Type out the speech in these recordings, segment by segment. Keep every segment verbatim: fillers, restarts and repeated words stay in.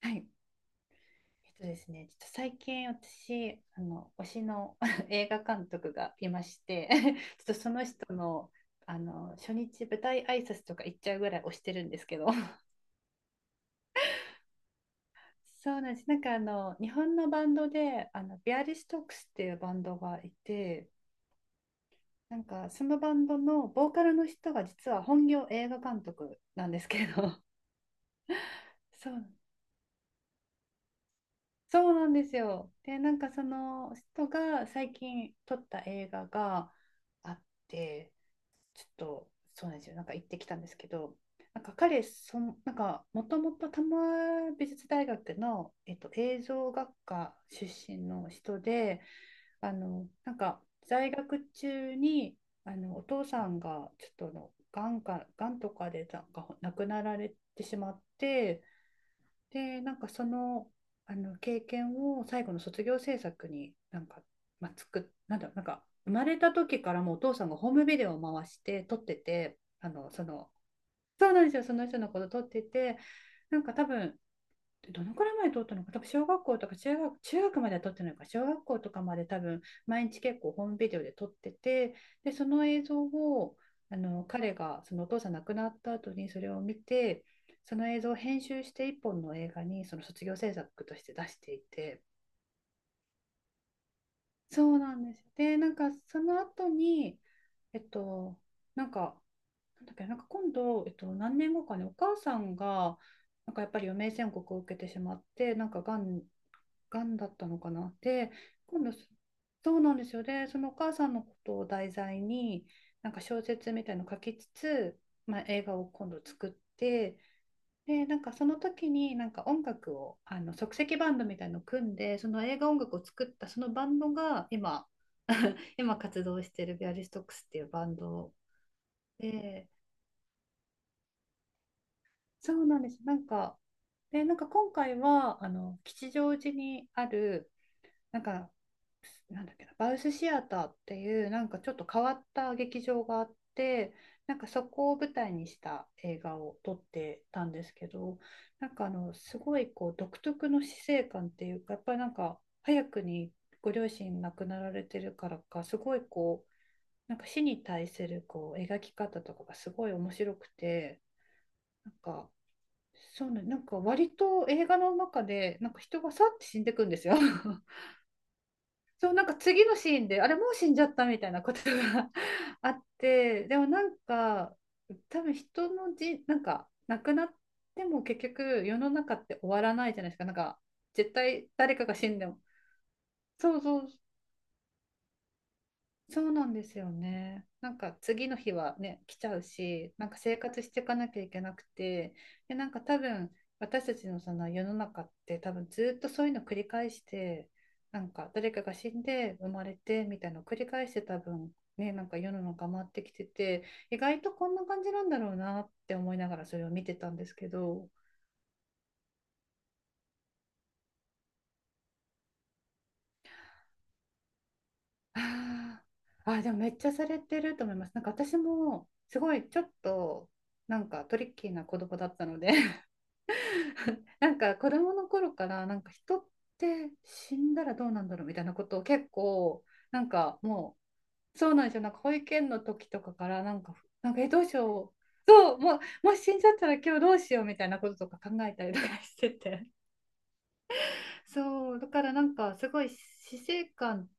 はい。えっとですね、ちょっと最近私、あの、推しの 映画監督がいまして、ちょっとその人の、あの、初日舞台挨拶とか行っちゃうぐらい推してるんですけど、そうなんです。なんかあの、日本のバンドで、あの、ビアリストックスっていうバンドがいて、なんかそのバンドのボーカルの人が実は本業映画監督なんですけど、そうそうなんですよ。で、なんかその人が最近撮った映画があって、ちょっとそうなんですよ。なんか行ってきたんですけど、なんか彼、その、なんかもともと多摩美術大学の、えっと、映像学科出身の人で、あの、なんか在学中に、あの、お父さんがちょっとの、がんか、がんとかでなんか亡くなられてしまって、で、なんかその、あの経験を最後の卒業制作になんか、まあ、つく、なんだろう、なんか生まれた時からもうお父さんがホームビデオを回して撮ってて、あの、その、そうなんですよ、その人のこと撮ってて、なんか多分でどのくらいまで取ったのか、多分小学校とか中学、中学までは取ってないのか、小学校とかまで多分毎日結構ホームビデオで撮ってて、で、その映像をあの彼がそのお父さん亡くなった後にそれを見て、その映像を編集して一本の映画にその卒業制作として出していて、そうなんですよ。で、なんかその後に、えっと、なんかなんだっけ、なんか今度、えっと、何年後かね、お母さんが、なんかやっぱり余命宣告を受けてしまって、なんかがん、がんだったのかな。で、今度、そうなんですよ。で、そのお母さんのことを題材に、なんか小説みたいのを書きつつ、まあ、映画を今度作って、で、なんかその時になんか音楽を、あの即席バンドみたいのを組んで、その映画音楽を作ったそのバンドが今、今活動しているビアリストックスっていうバンドで、そうなんです。なんか、で、なんか今回は、あの、吉祥寺にある、なんか、なんだっけな、バウスシアターっていう、なんかちょっと変わった劇場があって、なんかそこを舞台にした映画を撮ってたんですけど、なんかあの、すごいこう、独特の死生観っていうか、やっぱりなんか、早くにご両親亡くなられてるからか、すごいこう、なんか死に対するこう、描き方とかがすごい面白くて、なんか、そうね、なんか割と映画の中で、なんか人がさって死んでくんですよ。そう、なんか次のシーンで、あれもう死んじゃったみたいなことが あって、でもなんか、多分人のじ、なんか亡くなっても結局世の中って終わらないじゃないですか。なんか絶対誰かが死んでも。そうそうそうなんですよね。なんか次の日はね、来ちゃうし、なんか生活していかなきゃいけなくて、で、なんか多分私たちのその世の中って多分ずっとそういうの繰り返して、なんか誰かが死んで生まれてみたいなのを繰り返して多分ね、なんか世の中回ってきてて、意外とこんな感じなんだろうなって思いながらそれを見てたんですけど、あーあー、でもめっちゃされてると思います。なんか私もすごいちょっとなんかトリッキーな子供だったので なんか子供の頃からなんか人って死んだらどうなんだろうみたいなことを結構なんかもうそうなんですよなんか保育園の時とかからなんかなんかえどうしようそうもうもし死んじゃったら今日どうしようみたいなこととか考えたりとかしてて そうだからなんかすごい死生観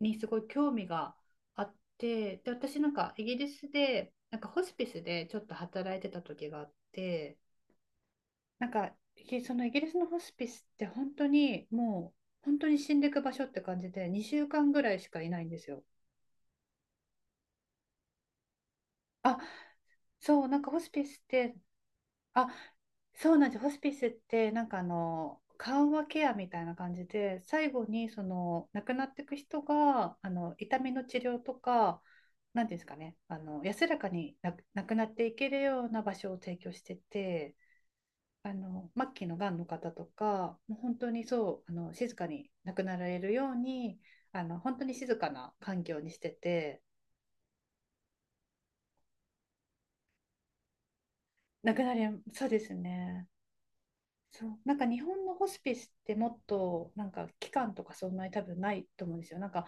にすごい興味があってで私なんかイギリスでなんかホスピスでちょっと働いてた時があって。なんか、ひそのイギリスのホスピスって本当にもう本当に死んでいく場所って感じでにしゅうかんぐらいしかいないんですよ。あ、そう、なんかホスピスって、あ、そうなんですホスピスってなんかあの緩和ケアみたいな感じで最後にその亡くなっていく人があの痛みの治療とか何ていうんですかねあの安らかにな亡くなっていけるような場所を提供してて。あの末期のがんの方とかもう本当にそうあの静かに亡くなられるようにあの本当に静かな環境にしてて亡くなりそうですねそう、なんか日本のホスピスってもっとなんか期間とかそんなに多分ないと思うんですよ。なんか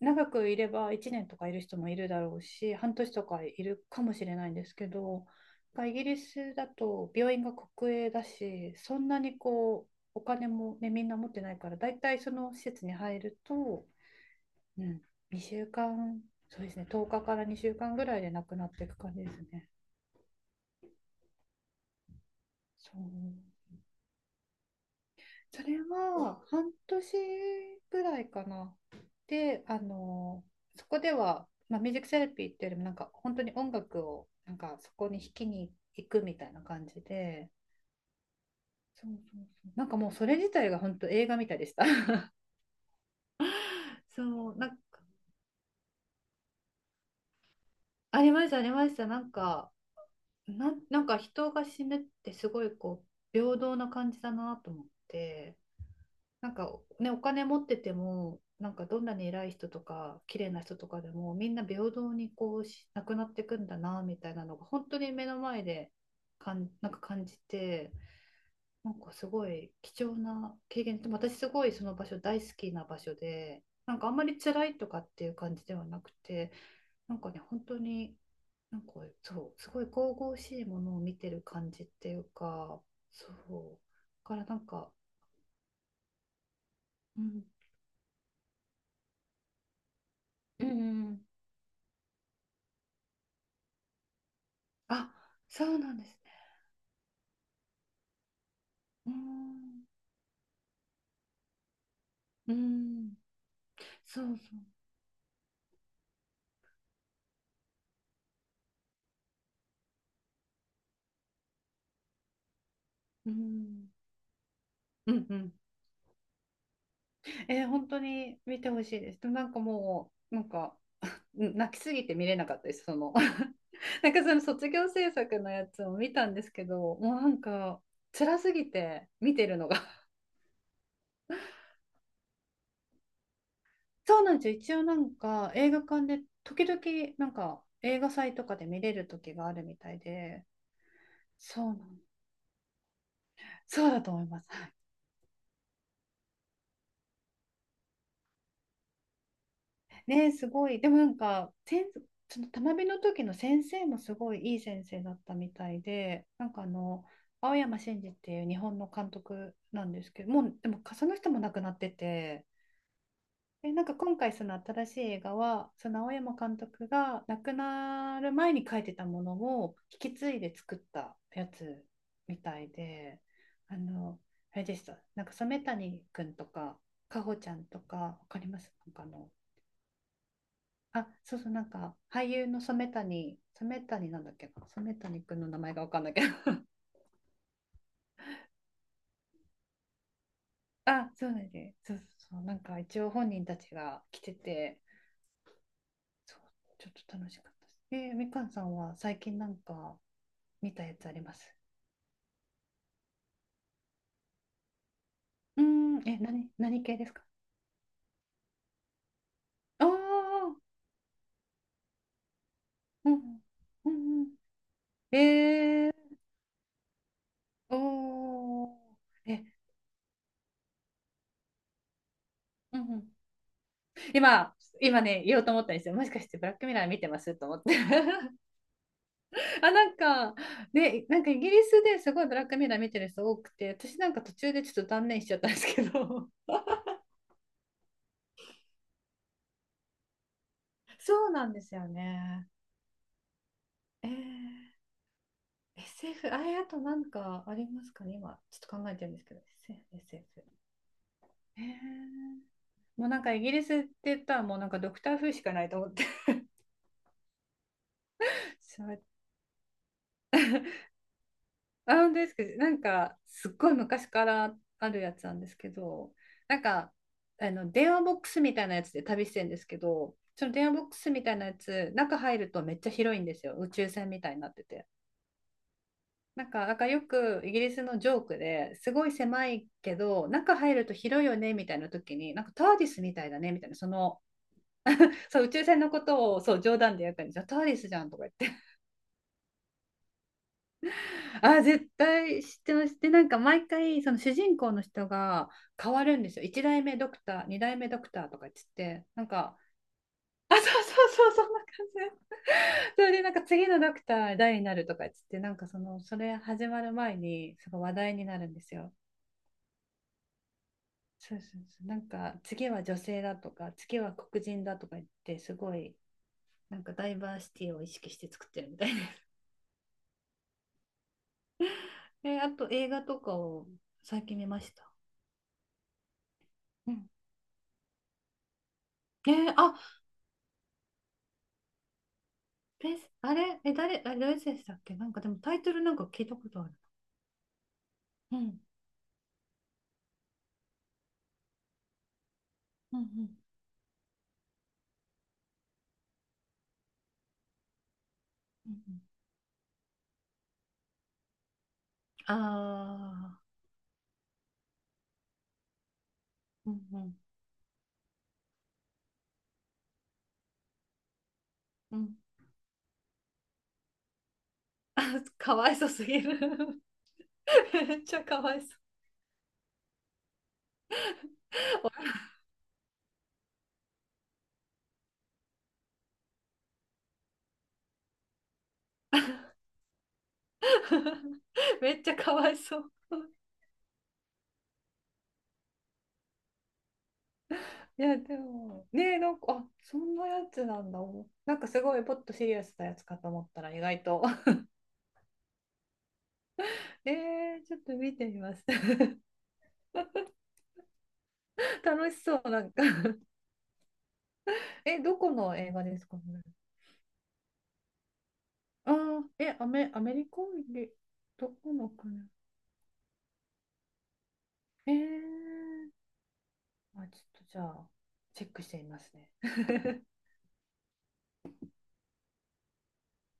長くいればいちねんとかいる人もいるだろうし、半年とかいるかもしれないんですけど、なんかイギリスだと病院が国営だし、そんなにこうお金もね、みんな持ってないから、だいたいその施設に入ると、うん、にしゅうかん、そうですね、10日かからにしゅうかんぐらいで亡くなっていく感じですね。そう。それは半年ぐらいかな。で、あのそこでは、まあ、ミュージックセラピーっていうよりもなんか本当に音楽をなんかそこに弾きに行くみたいな感じで、そうそうそうなんかもうそれ自体が本当映画みたいでした。そう、なんかありましたありました。なんかなん、なんか人が死ぬってすごいこう平等な感じだなと思って。なんかね、お金持ってても、なんかどんなに偉い人とか、綺麗な人とかでも、みんな平等にこうし、なくなっていくんだな、みたいなのが、本当に目の前でかん、なんか感じて、なんかすごい貴重な経験で、私すごいその場所大好きな場所で、なんかあんまり辛いとかっていう感じではなくて、なんかね、本当に、なんかそう、すごい神々しいものを見てる感じっていうか、そう、だからなんか、うん、うんうんあ、そうなんですね。うーん、うーん、そうそう。うーん、うん、うん。えー本当に見てほしいです。でもなんかもう、なんか、うん泣きすぎて見れなかったです。その、なんかその卒業制作のやつを見たんですけど、もうなんか、辛すぎて見てるのが。そうなんですよ。一応なんか、映画館で、時々、なんか、映画祭とかで見れる時があるみたいで、そうなんだ。そうだと思います。ね、すごい。でもなんか、先そのたまびの時の先生もすごいいい先生だったみたいで、なんかあの、青山真司っていう日本の監督なんですけど、もう、でもその人も亡くなってて、で、なんか今回その新しい映画は、その青山監督が亡くなる前に書いてたものを引き継いで作ったやつみたいで、あの、あれでした。なんか染谷くんとか、かほちゃんとか、わかります？なんかあの、あ、そうそう、なんか、俳優の染谷、染谷なんだっけな、染谷くんの名前がわかんないけど。あ、そうなんです。そうそうそう、なんか一応本人たちが来てて、そう、ちょっと楽しかったです。えーみかんさんは最近なんか見たやつあります？うーん、え、何、何系ですか？ああ、うん、うん、うん。えー、おー、え、うん、うん。今、今ね、言おうと思ったんですよ。もしかしてブラックミラー見てますと思って。あ、なんか、ね、なんかイギリスですごいブラックミラー見てる人多くて、私なんか途中でちょっと断念しちゃったんですけど。そうなんですよね。えー、エスエフ、あれ、あとなんかありますかね、今、ちょっと考えてるんですけど、エスエフ、エスエフ。へえ、もうなんかイギリスって言ったらもうなんかドクター風しかないと思って。そう、あ、本当ですか？なんか、すっごい昔からあるやつなんですけど、なんか、あの、電話ボックスみたいなやつで旅してるんですけど、その電話ボックスみたいなやつ、中入るとめっちゃ広いんですよ。宇宙船みたいになってて。なんか、なんかよくイギリスのジョークですごい狭いけど、中入ると広いよねみたいな時に、なんかターディスみたいだねみたいな、その、そう、宇宙船のことをそう冗談でやったんですよ。ターディスじゃんとか言って。あ、絶対知ってます。で、なんか毎回、その主人公の人が変わるんですよ。いちだいめ代目ドクター、にだいめ代目ドクターとか言ってて、なんか、あ、そうそうそう、そんな感じ。それで、なんか次のドクター誰になるとか言ってて、なんかその、それ始まる前に、すごい話題になるんですよ。そうそうそう。なんか、次は女性だとか、次は黒人だとか言って、すごい、なんかダイバーシティを意識して作ってるみたいです。え、あと映画とかを最近見ました？うん。えーあ、ペース、あれ、え、誰、あれ、ロイセンスだっけ、なんかでもタイトルなんか聞いたことある。うん、うん、うん、うん。ああー、うん、うん、うん。あ、かわいそうすぎる。めっちゃかわいそう。めっちゃかわいそう。いやでもねえ、なんか、あ、そんなやつなんだ。なんかすごいポッとシリアスなやつかと思ったら意外と えー、ちょっと見てみます。 楽しそう。なんか、え、どこの映画ですかね？ああ、え、アメ、アメリカで、どこの国？えー、あ、ちょっとじゃあ、チェックしてみますね。